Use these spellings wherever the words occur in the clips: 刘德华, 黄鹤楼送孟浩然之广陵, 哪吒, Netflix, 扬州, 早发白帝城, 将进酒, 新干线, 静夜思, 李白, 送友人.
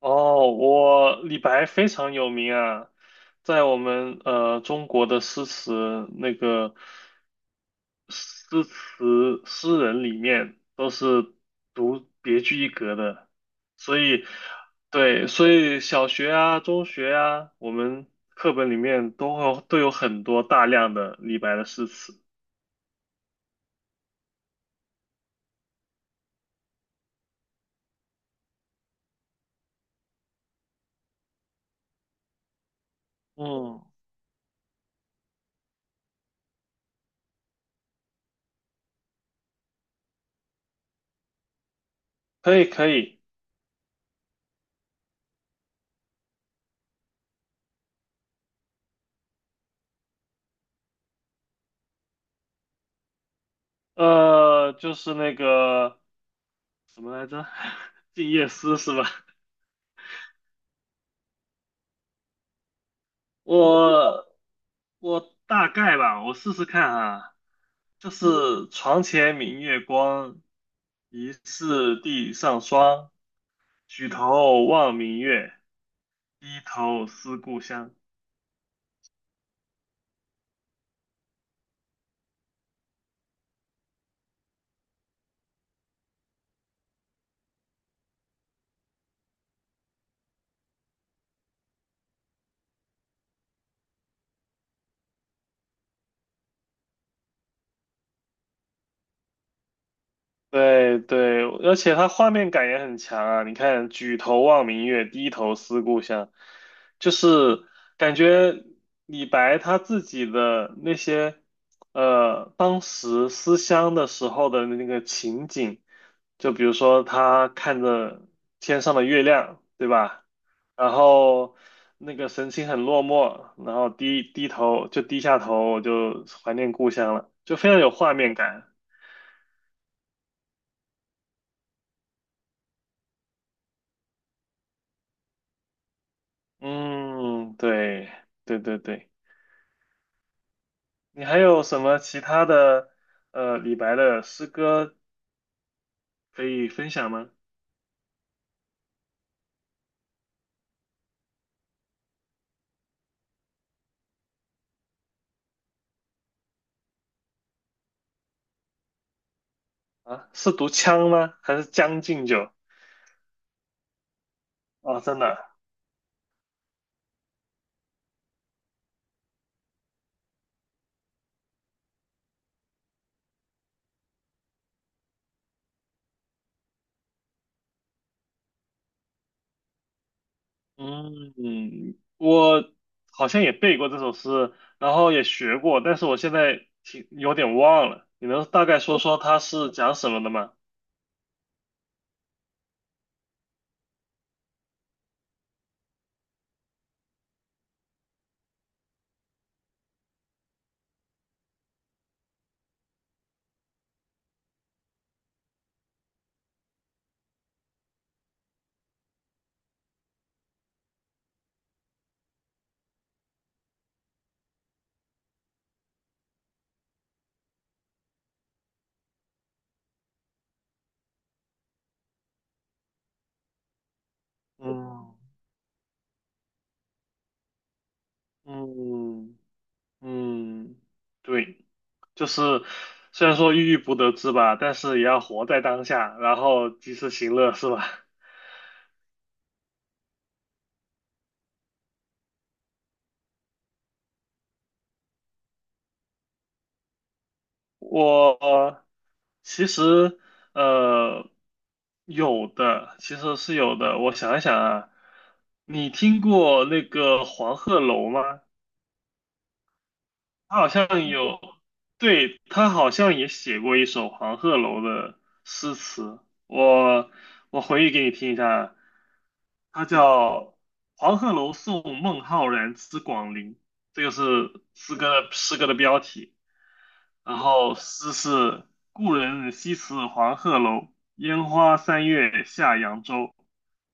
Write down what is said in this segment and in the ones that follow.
哦，我李白非常有名啊，在我们中国的诗词诗人里面都是独别具一格的，所以对，所以小学啊、中学啊，我们课本里面都有很多大量的李白的诗词。嗯，可以可以，就是那个什么来着，《静夜思》是吧？我我大概吧，我试试看啊，就是床前明月光，疑是地上霜，举头望明月，低头思故乡。对对，而且它画面感也很强啊！你看"举头望明月，低头思故乡"，就是感觉李白他自己的那些当时思乡的时候的那个情景，就比如说他看着天上的月亮，对吧？然后那个神情很落寞，然后低下头，我就怀念故乡了，就非常有画面感。嗯，对，对对对。你还有什么其他的李白的诗歌可以分享吗？啊，是读《枪》吗？还是《将进酒》？啊，真的。嗯，我好像也背过这首诗，然后也学过，但是我现在挺有点忘了。你能大概说说它是讲什么的吗？嗯嗯嗯，对。就是虽然说郁郁不得志吧，但是也要活在当下，然后及时行乐，是吧？我其实呃有的，其实是有的。我想一想啊，你听过那个黄鹤楼吗？他好像有，对，他好像也写过一首黄鹤楼的诗词，我我回忆给你听一下，他叫《黄鹤楼送孟浩然之广陵》，这个是诗歌的标题。然后诗是故人西辞黄鹤楼，烟花三月下扬州。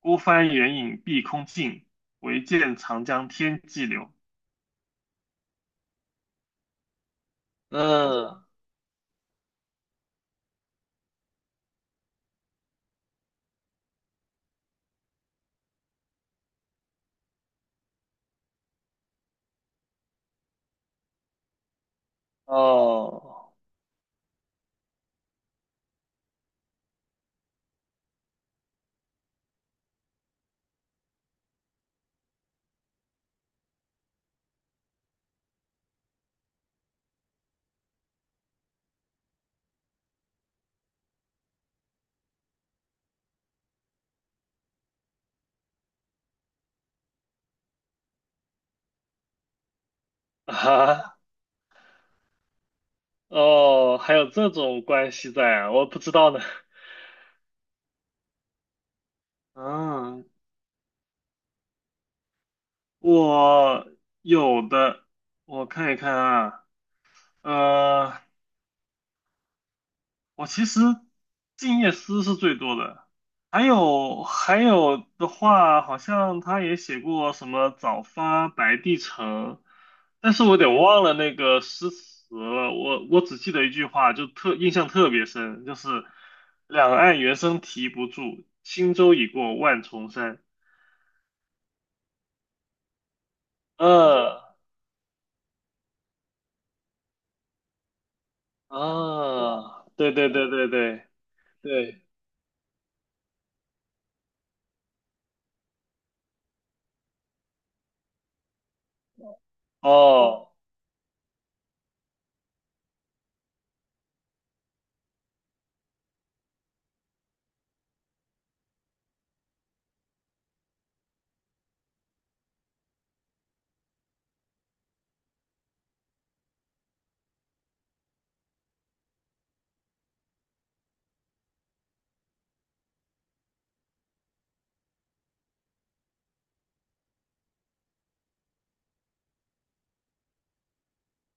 孤帆远影碧空尽，唯见长江天际流。嗯，哦。啊，哦，还有这种关系在啊，我不知道呢。啊，我有的，我看一看啊，呃，我其实静夜思》是最多的，还有的话，好像他也写过什么"早发白帝城"，但是我得忘了那个诗词了。我只记得一句话，就特印象特别深，就是"两岸猿声啼不住，轻舟已过万重山"。呃啊，对对对对对对，哦，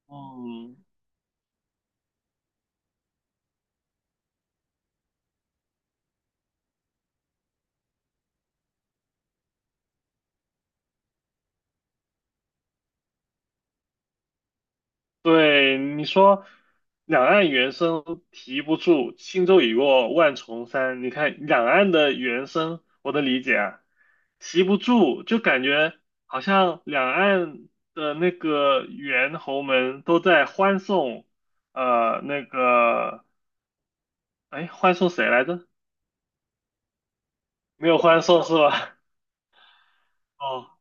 嗯。对，你说两岸猿声啼不住，轻舟已过万重山。你看两岸的猿声，我的理解啊，啼不住，就感觉好像两岸的那个猿猴们都在欢送，呃，那个，哎，欢送谁来着？没有欢送是吧？哦，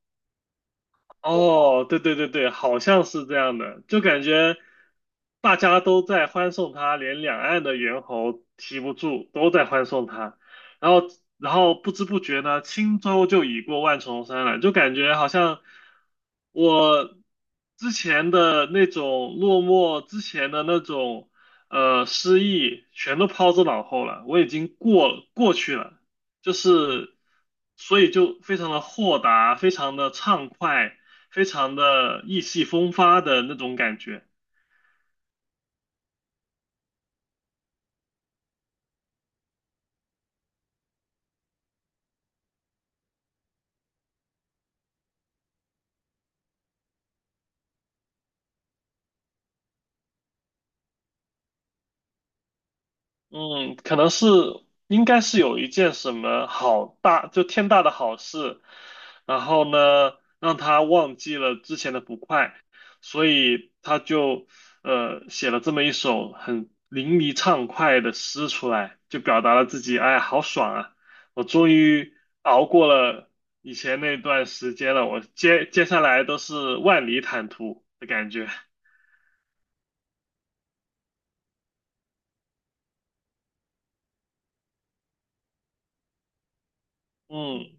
哦，对对对对，好像是这样的，就感觉大家都在欢送他，连两岸的猿猴提不住，都在欢送他。然后，然后不知不觉呢，轻舟就已过万重山了，就感觉好像我之前的那种落寞，之前的那种失意，全都抛之脑后了，我已经过去了。就是，所以就非常的豁达，非常的畅快，非常的意气风发的那种感觉。嗯，可能是应该是有一件什么好大，就天大的好事，然后呢，让他忘记了之前的不快，所以他就写了这么一首很淋漓畅快的诗出来，就表达了自己，哎，好爽啊！我终于熬过了以前那段时间了，我接下来都是万里坦途的感觉。嗯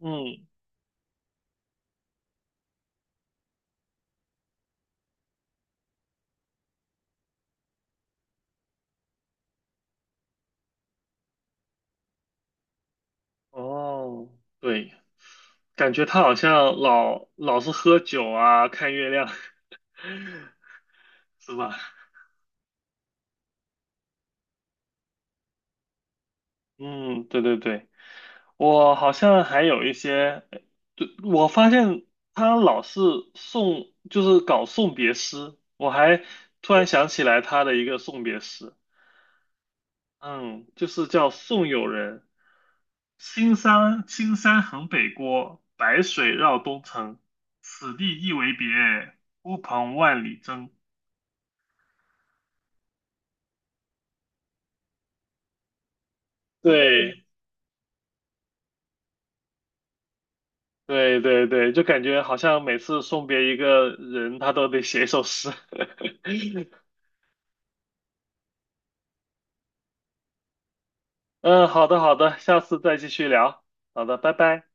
嗯。哦，对，感觉他好像老是喝酒啊，看月亮，是吧？嗯，对对对，我好像还有一些，对，我发现他老是送，就是搞送别诗，我还突然想起来他的一个送别诗，嗯，就是叫《送友人》，青山横北郭，白水绕东城，此地一为别，孤蓬万里征。对，对对对，就感觉好像每次送别一个人，他都得写一首诗。嗯，好的好的，下次再继续聊。好的，拜拜。